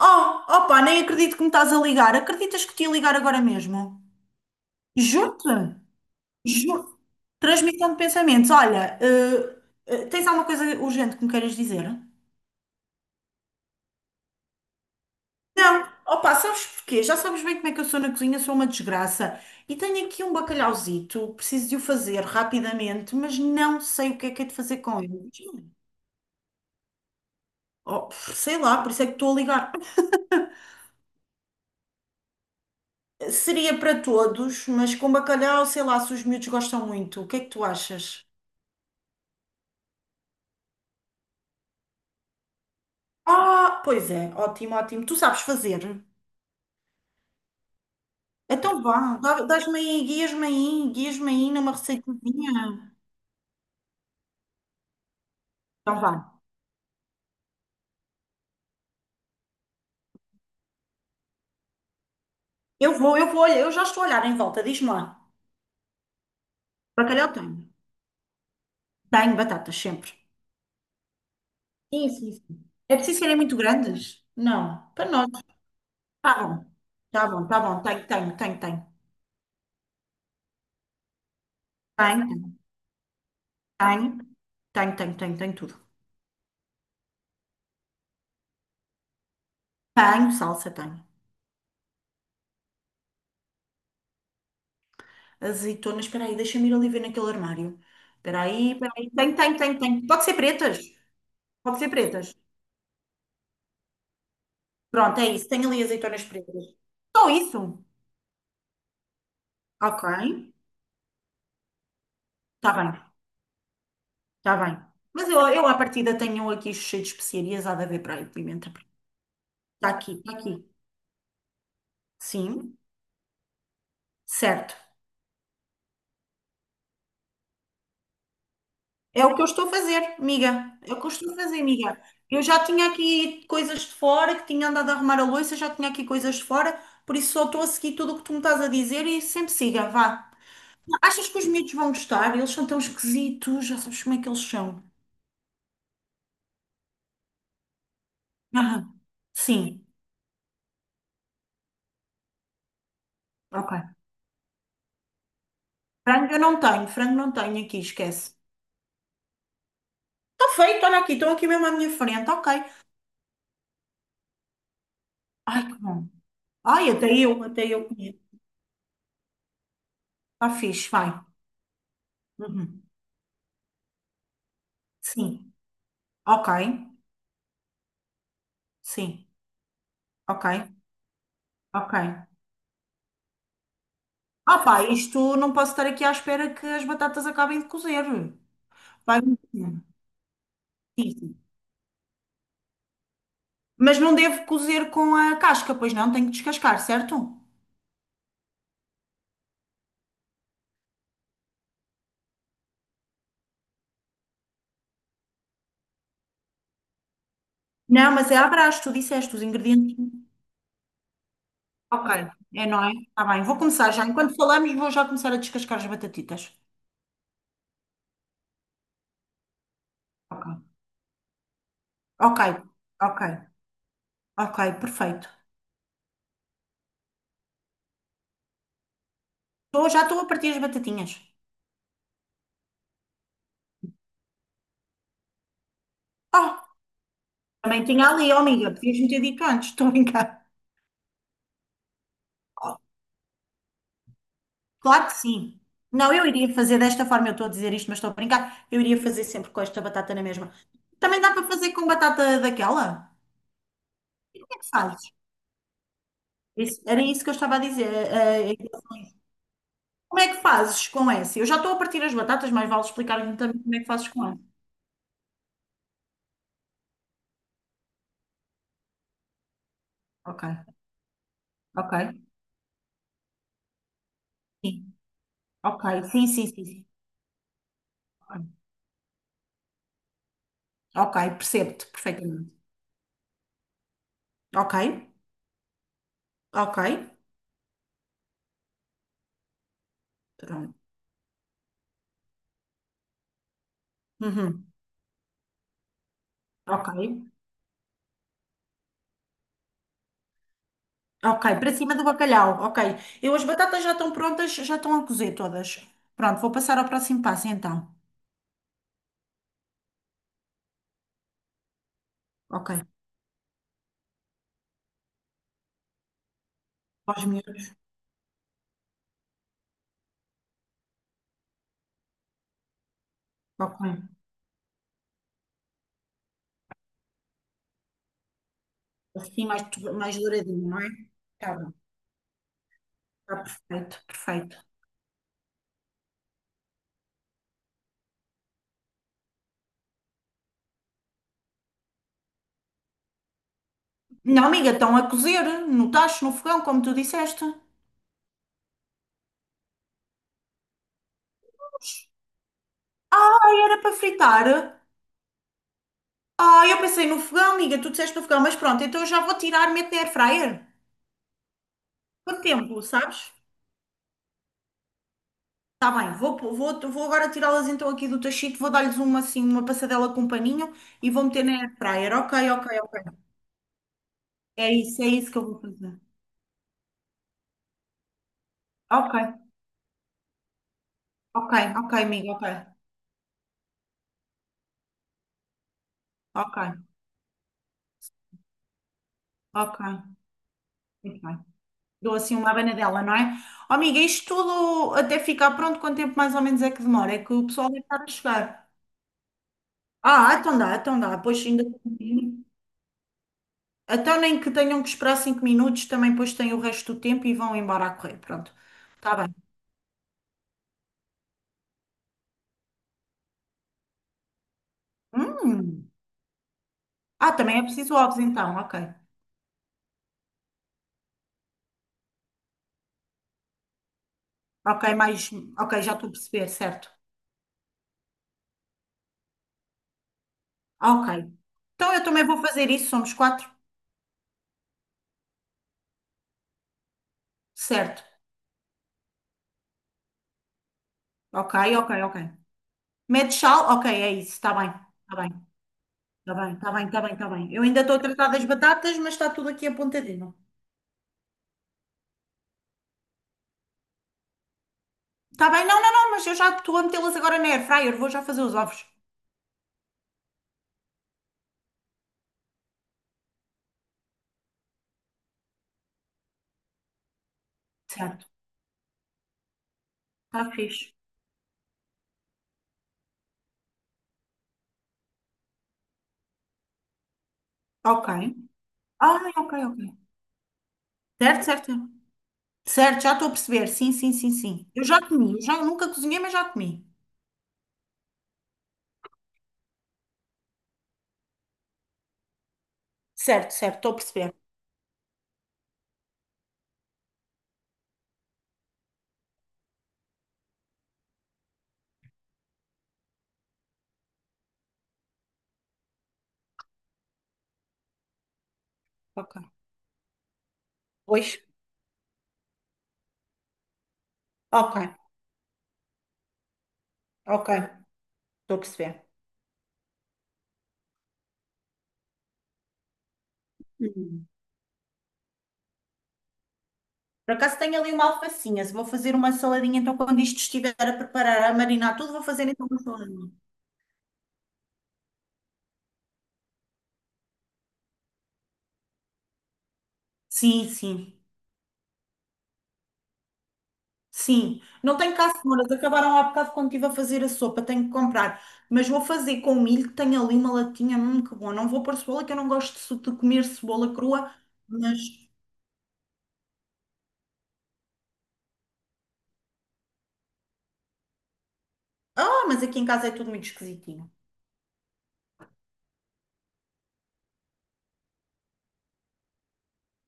Oh, opa, nem acredito que me estás a ligar. Acreditas que te ia ligar agora mesmo? Juro-te, juro. Transmissão de pensamentos. Olha, tens alguma coisa urgente que me queiras dizer? Não. Opa, sabes porquê? Já sabes bem como é que eu sou na cozinha, sou uma desgraça. E tenho aqui um bacalhauzito, preciso de o fazer rapidamente, mas não sei o que é de fazer com ele. Oh, sei lá, por isso é que estou a ligar. Seria para todos, mas com bacalhau, sei lá se os miúdos gostam muito. O que é que tu achas? Ah, pois é, ótimo, ótimo. Tu sabes fazer. Então vá, dás-me aí, guias-me aí numa receitazinha. Então vá. Eu vou, olha, eu já estou a olhar em volta, diz-me lá. Bacalhau tenho. Tenho batatas sempre. Sim, sim, sim. É preciso serem muito grandes? Não, para nós. Tá bom, tá bom, tá bom. Tenho, tenho, tenho, tenho. Tenho, tenho, tenho, tenho, tenho, tenho, tudo. Tenho, salsa, tenho. Azeitonas, espera aí, deixa-me ir ali ver naquele armário. Espera aí, espera aí. Tenho, tenho, tenho, tenho. Pode ser pretas? Pode ser pretas. Pronto, é isso. Tem ali azeitonas pretas. Só isso? Ok. Está bem. Está bem. Mas eu à partida tenho aqui cheio de especiarias. Há de haver para aí pimenta preta. Está aqui. Está aqui. Sim. Certo. É o que eu estou a fazer, amiga. É o que eu estou a fazer, amiga. Eu já tinha aqui coisas de fora, que tinha andado a arrumar a louça, já tinha aqui coisas de fora, por isso só estou a seguir tudo o que tu me estás a dizer e sempre siga, vá. Achas que os miúdos vão gostar? Eles são tão esquisitos, já sabes como é que eles são. Aham. Sim, ok. Frango eu não tenho, frango não tenho aqui, esquece. Está feito, olha aqui, estão aqui mesmo à minha frente, ok. Ai, que bom. Até eu conheço. Está fixe, vai. Uhum. Sim, ok. Sim, ok, ok. Ah pá, isto não posso estar aqui à espera que as batatas acabem de cozer. Vai, sim, sim. Mas não devo cozer com a casca, pois não, tenho que descascar, certo? Não, mas é à brás, tu disseste os ingredientes. Ok, é não é? Está bem, vou começar já. Enquanto falamos, vou já começar a descascar as batatitas. Ok, ok, ok, ok, perfeito. Tô, já estou a partir as batatinhas. Oh, também tinha ali, oh amiga, podias-me ter dito antes, estou a brincar. Oh, claro que sim. Não, eu iria fazer desta forma, eu estou a dizer isto, mas estou a brincar. Eu iria fazer sempre com esta batata na mesma. Também dá para fazer com batata daquela? Como é que fazes? Isso- era isso que eu estava a dizer. Como é que fazes com essa? Eu já estou a partir as batatas, mas vale explicar-me também como é que fazes com essa. Ok, ok. Sim, ok. Sim, sim, sim, sim. Ok, percebo-te perfeitamente. Ok, ok. Pronto. Uhum. Ok, ok. Para cima do bacalhau. Ok. Eu as batatas já estão prontas, já estão a cozer todas. Pronto, vou passar ao próximo passo então. Ok. Para os miúdos. Ok. Assim mais, mais douradinho, não é? Tá bom. Tá perfeito, perfeito. Não, amiga, estão a cozer no tacho, no fogão, como tu disseste. Ai, era para fritar. Ah, eu pensei no fogão, amiga, tu disseste no fogão, mas pronto, então eu já vou tirar, meto na air fryer. Quanto tempo, sabes? Tá bem, vou agora tirá-las então aqui do tachito, vou dar-lhes uma assim, uma passadela com um paninho e vou meter na air fryer. Ok, ok, ok. É isso que eu vou fazer. Ok, ok, ok, amiga, ok, ok, ok. Muito bem. Dou assim uma abanadela, não é? Oh, amiga, isto tudo até ficar pronto, quanto tempo mais ou menos é que demora? É que o pessoal deve estar a chegar. Ah, então dá, pois ainda. Então, nem que tenham que esperar 5 minutos, também depois têm o resto do tempo e vão embora a correr. Pronto, está bem. Hum. Ah, também é preciso ovos, então, ok. Ok, mais. Um. Ok, já estou a perceber, certo. Ok. Então eu também vou fazer isso, somos quatro. Certo. Ok, ok, ok. Mete sal, ok, é isso, está bem. Está bem, está bem, está bem, está bem, está bem. Eu ainda estou a tratar das batatas, mas está tudo aqui apontadinho. Está bem, não, não, não, mas eu já estou a metê-las agora na air fryer, vou já fazer os ovos. Certo, está fixe. Ok. Ah, ok, ok. Certo, certo. Certo, já estou a perceber. Sim, sim, sim, sim. Eu já comi. Eu já nunca cozinhei, mas já comi. Certo, certo, estou a perceber. Ok. Pois? Ok, ok. Estou a perceber. Hum. Por acaso tenho ali uma alfacinha. Se vou fazer uma saladinha, então quando isto estiver a preparar, a marinar tudo, vou fazer então uma saladinha. Sim, sim. Sim, não tenho cá cenouras, acabaram há bocado quando estive a fazer a sopa, tenho que comprar, mas vou fazer com milho, que tenho ali uma latinha, que bom, não vou pôr cebola, que eu não gosto de de comer cebola crua, mas, ah, mas aqui em casa é tudo muito esquisitinho,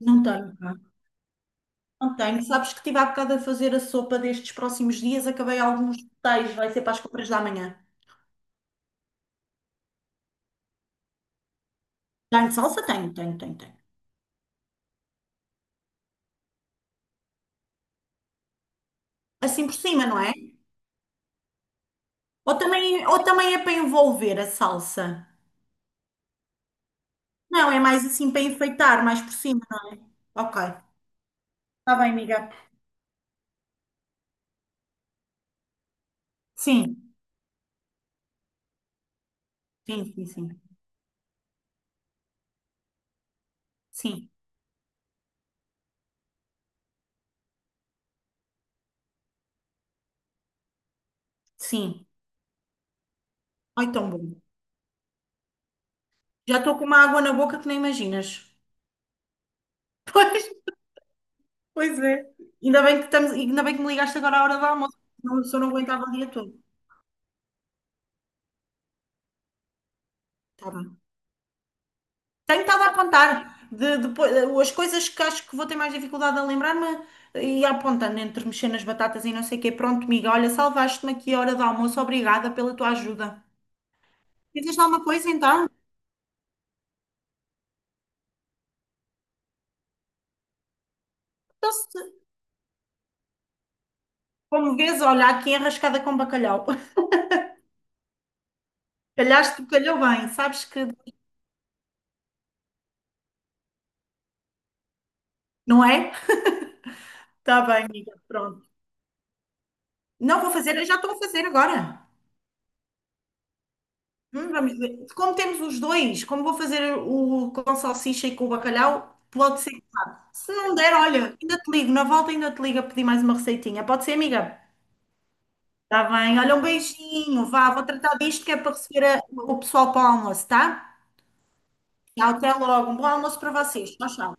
não tenho, cá. Não tenho, sabes que estive há bocado a fazer a sopa destes próximos dias, acabei alguns detalhes, vai ser para as compras da manhã, tenho salsa? Tenho, tenho, tenho, tenho, assim por cima, não é? Ou também é para envolver a salsa? Não, é mais assim para enfeitar, mais por cima, ok. Tá bem, amiga. Sim, sim, sim, sim. Sim, sim. Ai, tão bom. Já estou com uma água na boca que nem imaginas. Pois é. Ainda bem que estamos, ainda bem que me ligaste agora à hora do almoço, senão eu só não aguentava o dia todo. Tá bem. Tenho estado a apontar de, depois, as coisas que acho que vou ter mais dificuldade a lembrar-me e apontando entre mexer nas batatas e não sei o quê. Pronto, amiga, olha, salvaste-me aqui a hora do almoço. Obrigada pela tua ajuda. Fizeste alguma coisa então? Então, se, como vês, olha, aqui enrascada com bacalhau. Calhaste, calhou bem, sabes que não é? Está bem, amiga, pronto. Não vou fazer, eu já estou a fazer agora. Vamos ver. Como temos os dois, como vou fazer o com salsicha e com o bacalhau, pode ser. Se não der, olha, ainda te ligo, na volta ainda te ligo a pedir mais uma receitinha. Pode ser, amiga? Está bem, olha, um beijinho, vá, vou tratar disto que é para receber o pessoal para o almoço, tá? Tchau, até logo, um bom almoço para vocês. Tchau, tchau.